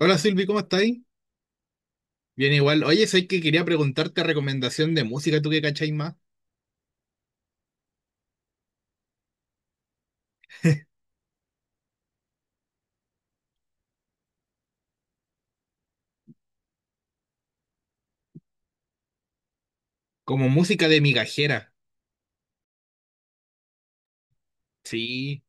Hola Silvi, ¿cómo estáis? Bien igual. Oye, soy que quería preguntarte recomendación de música, ¿tú qué cacháis más? Como música de migajera. Sí.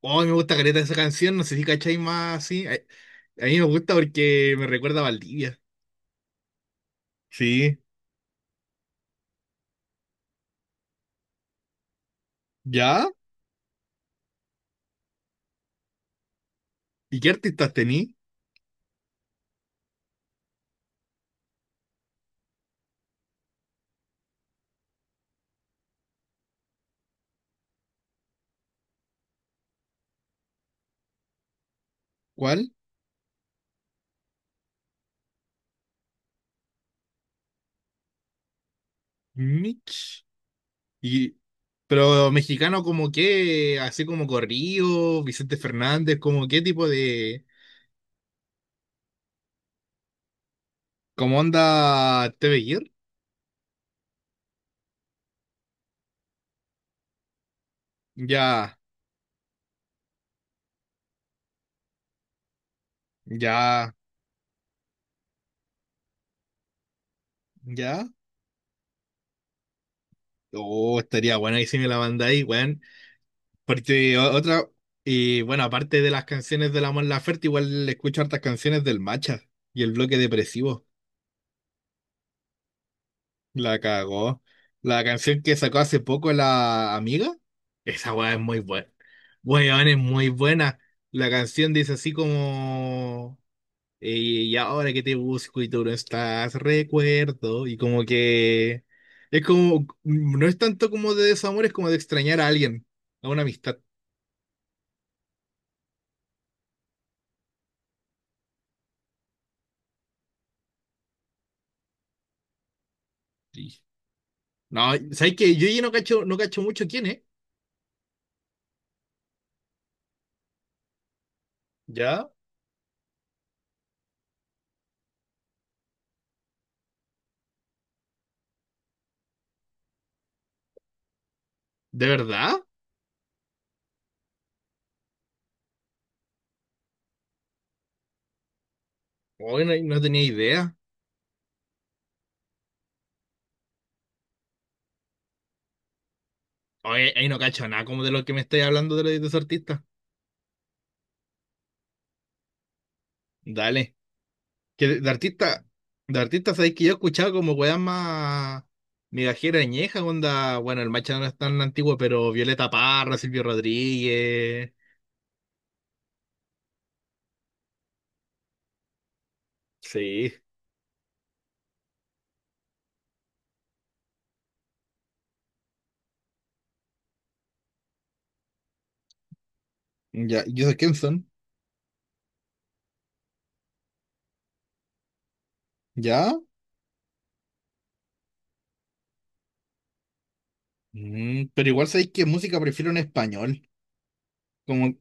Oh, me gusta careta esa canción, no sé si cacháis más sí. A mí me gusta porque me recuerda a Valdivia. Sí. ¿Ya? ¿Y qué artistas tení? ¿Cuál? Mitch. Y pero mexicano como qué, así como Corrido, Vicente Fernández, como qué tipo de como onda ¿TV Gear? Ya, ya, ya. Oh, estaría bueno ahí si me la mandáis, weón. Porque otra, y bueno, aparte de las canciones de la Mon Laferte, igual escucho hartas canciones del Macha y el bloque depresivo. La cagó. La canción que sacó hace poco la amiga, esa weá es muy buena. Weón, es muy buena. La canción dice así como. Y ahora que te busco y tú no estás, recuerdo. Y como que. Es como. No es tanto como de desamor, es como de extrañar a alguien, a una amistad. Brígido. No, ¿sabes qué? Yo ya no cacho, no cacho mucho quién es. ¿Ya? ¿De verdad? Hoy no, no tenía idea. Hoy ahí no cacho nada como de lo que me estáis hablando de, de esos artistas. Dale. Que de artista, de artista, ¿sabes que yo he escuchado como weas más migajera añeja, onda? Bueno, el Macha no es tan antiguo, pero Violeta Parra, Silvio Rodríguez. Sí. Ya, ¿y esos quién son? ¿Ya? Mm, pero igual sabéis que música prefiero en español. Como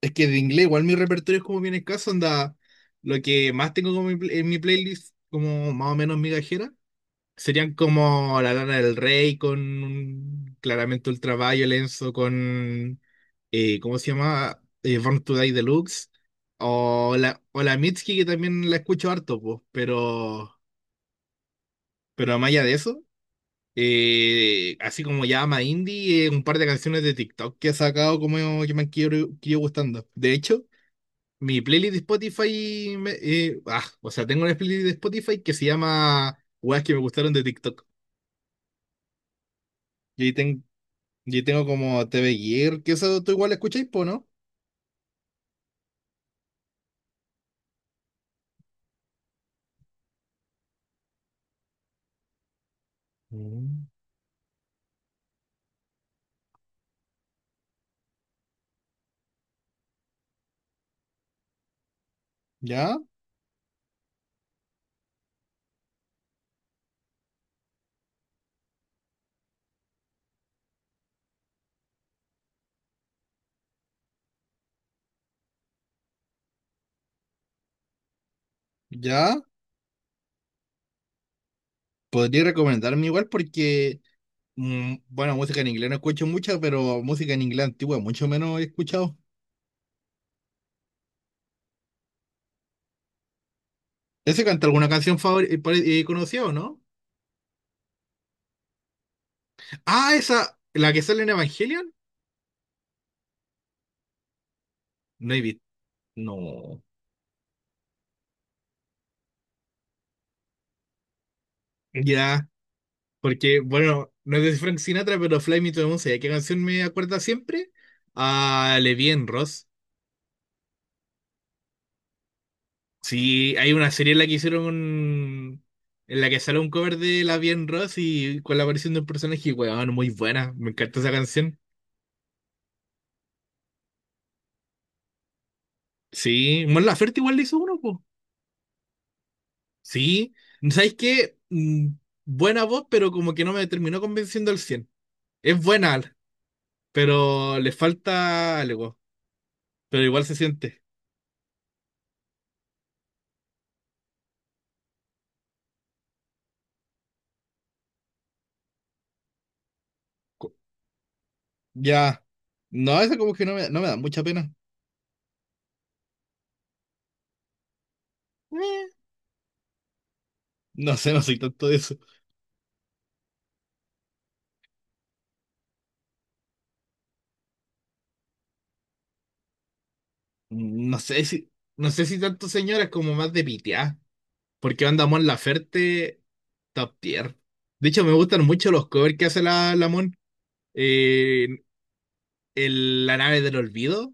es que de inglés igual mi repertorio es como bien escaso, anda, lo que más tengo como mi en mi playlist, como más o menos migajera, serían como La Lana del Rey con claramente Ultraviolence o con, ¿cómo se llama? Born to Die Deluxe, o la Mitski que también la escucho harto, pues, pero más allá de eso, así como ya ama indie, un par de canciones de TikTok que ha sacado como que me han ido gustando. De hecho... Mi playlist de Spotify, o sea, tengo una playlist de Spotify que se llama Weas que me gustaron de TikTok. Y ahí, y ahí tengo como TV Gear, que eso tú igual escucháis, po, ¿no? Mm. Ya, ya. Podría recomendarme igual porque, mm, bueno, música en inglés no escucho mucha, pero música en inglés antigua mucho menos he escuchado. ¿Ese canta alguna canción conocida o no? Ah, esa, la que sale en Evangelion. No he visto. No. Ya. Porque, bueno, no es de Frank Sinatra, pero Fly Me to the Moon, ¿sabes qué canción me acuerda siempre? A Levien Ross. Sí, hay una serie en la que hicieron un... en la que sale un cover de Levien Ross y con la aparición de un personaje, weón, muy buena. Me encanta esa canción. Sí, Mon Laferte igual le hizo uno, po. Sí, ¿sabes qué? Mm, buena voz, pero como que no me terminó convenciendo al cien. Es buena, pero le falta algo, pero igual se siente. Ya. No, eso como que no me, no me da mucha pena. Eh, No sé, no soy tanto de eso. Mm, no sé si, no sé si tanto señoras como más de pitear. Porque anda Mon Laferte top tier. De hecho, me gustan mucho los covers que hace la Mon. Eh, la nave del olvido.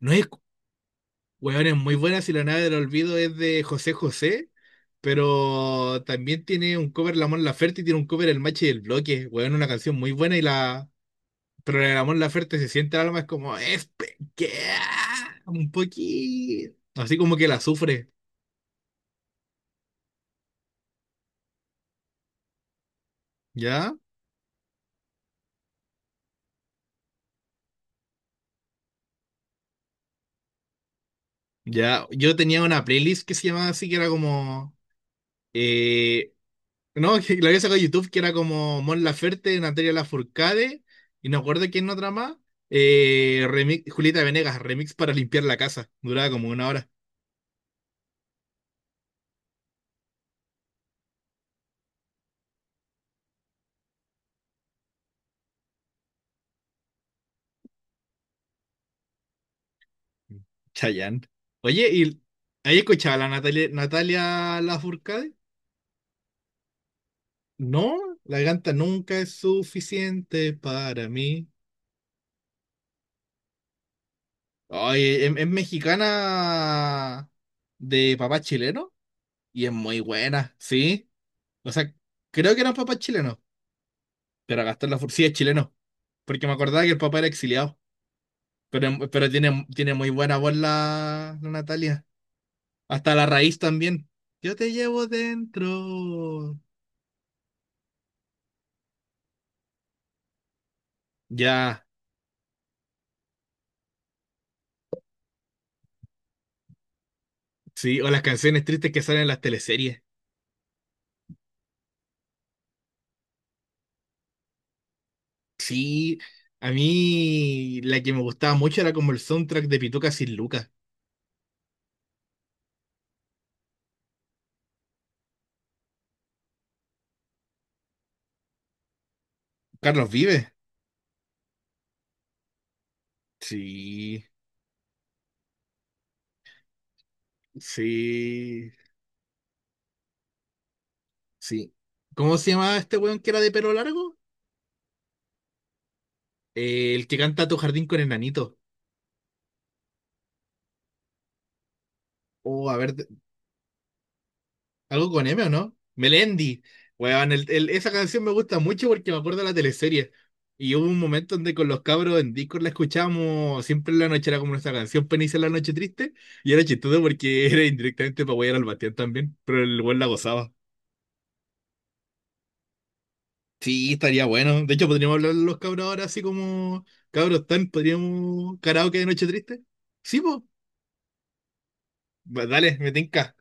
No es, weón, es muy buena. Si la nave del olvido es de José José. Pero también tiene un cover la Mon Laferte y tiene un cover el Machi del Bloque. Weón, una canción muy buena y la, pero en el amor la Laferte se siente el alma, es como, es pequeña, un poquito. Así como que la sufre, ¿ya? Ya, yo tenía una playlist que se llamaba así, que era como, eh, no, que la había sacado de YouTube, que era como Mon Laferte, Natalia Lafourcade, y no acuerdo quién otra más, remix, Julieta Venegas, remix para limpiar la casa, duraba como una hora. Chayanne. Oye, ¿y ahí escuchaba la Natalia, Natalia Lafourcade? No, la ganta nunca es suficiente para mí. Oye, es mexicana de papá chileno y es muy buena, sí. O sea, creo que era un papá chileno, pero Gastón Lafourcade sí es chileno, porque me acordaba que el papá era exiliado. Pero, pero tiene, tiene muy buena voz la Natalia. Hasta la raíz también. Yo te llevo dentro. Ya, sí, o las canciones tristes que salen en las teleseries. Sí, a mí la que me gustaba mucho era como el soundtrack de Pituca sin Lucas. Carlos Vive. Sí, sí, sí. ¿Cómo se llamaba este weón que era de pelo largo? El que canta Tu jardín con enanito. Oh, a ver, algo con M, ¿o no? Melendi. Weón, esa canción me gusta mucho porque me acuerdo de la teleserie. Y hubo un momento donde con los cabros en Discord la escuchábamos siempre en la noche, era como nuestra canción Penisa en la noche triste. Y era chistoso porque era indirectamente para huear al Bastián también, pero el weón la gozaba. Sí, estaría bueno. De hecho, podríamos hablar los cabros ahora así como cabros tan, podríamos karaoke de noche triste. Sí, pues. Dale, me tinca.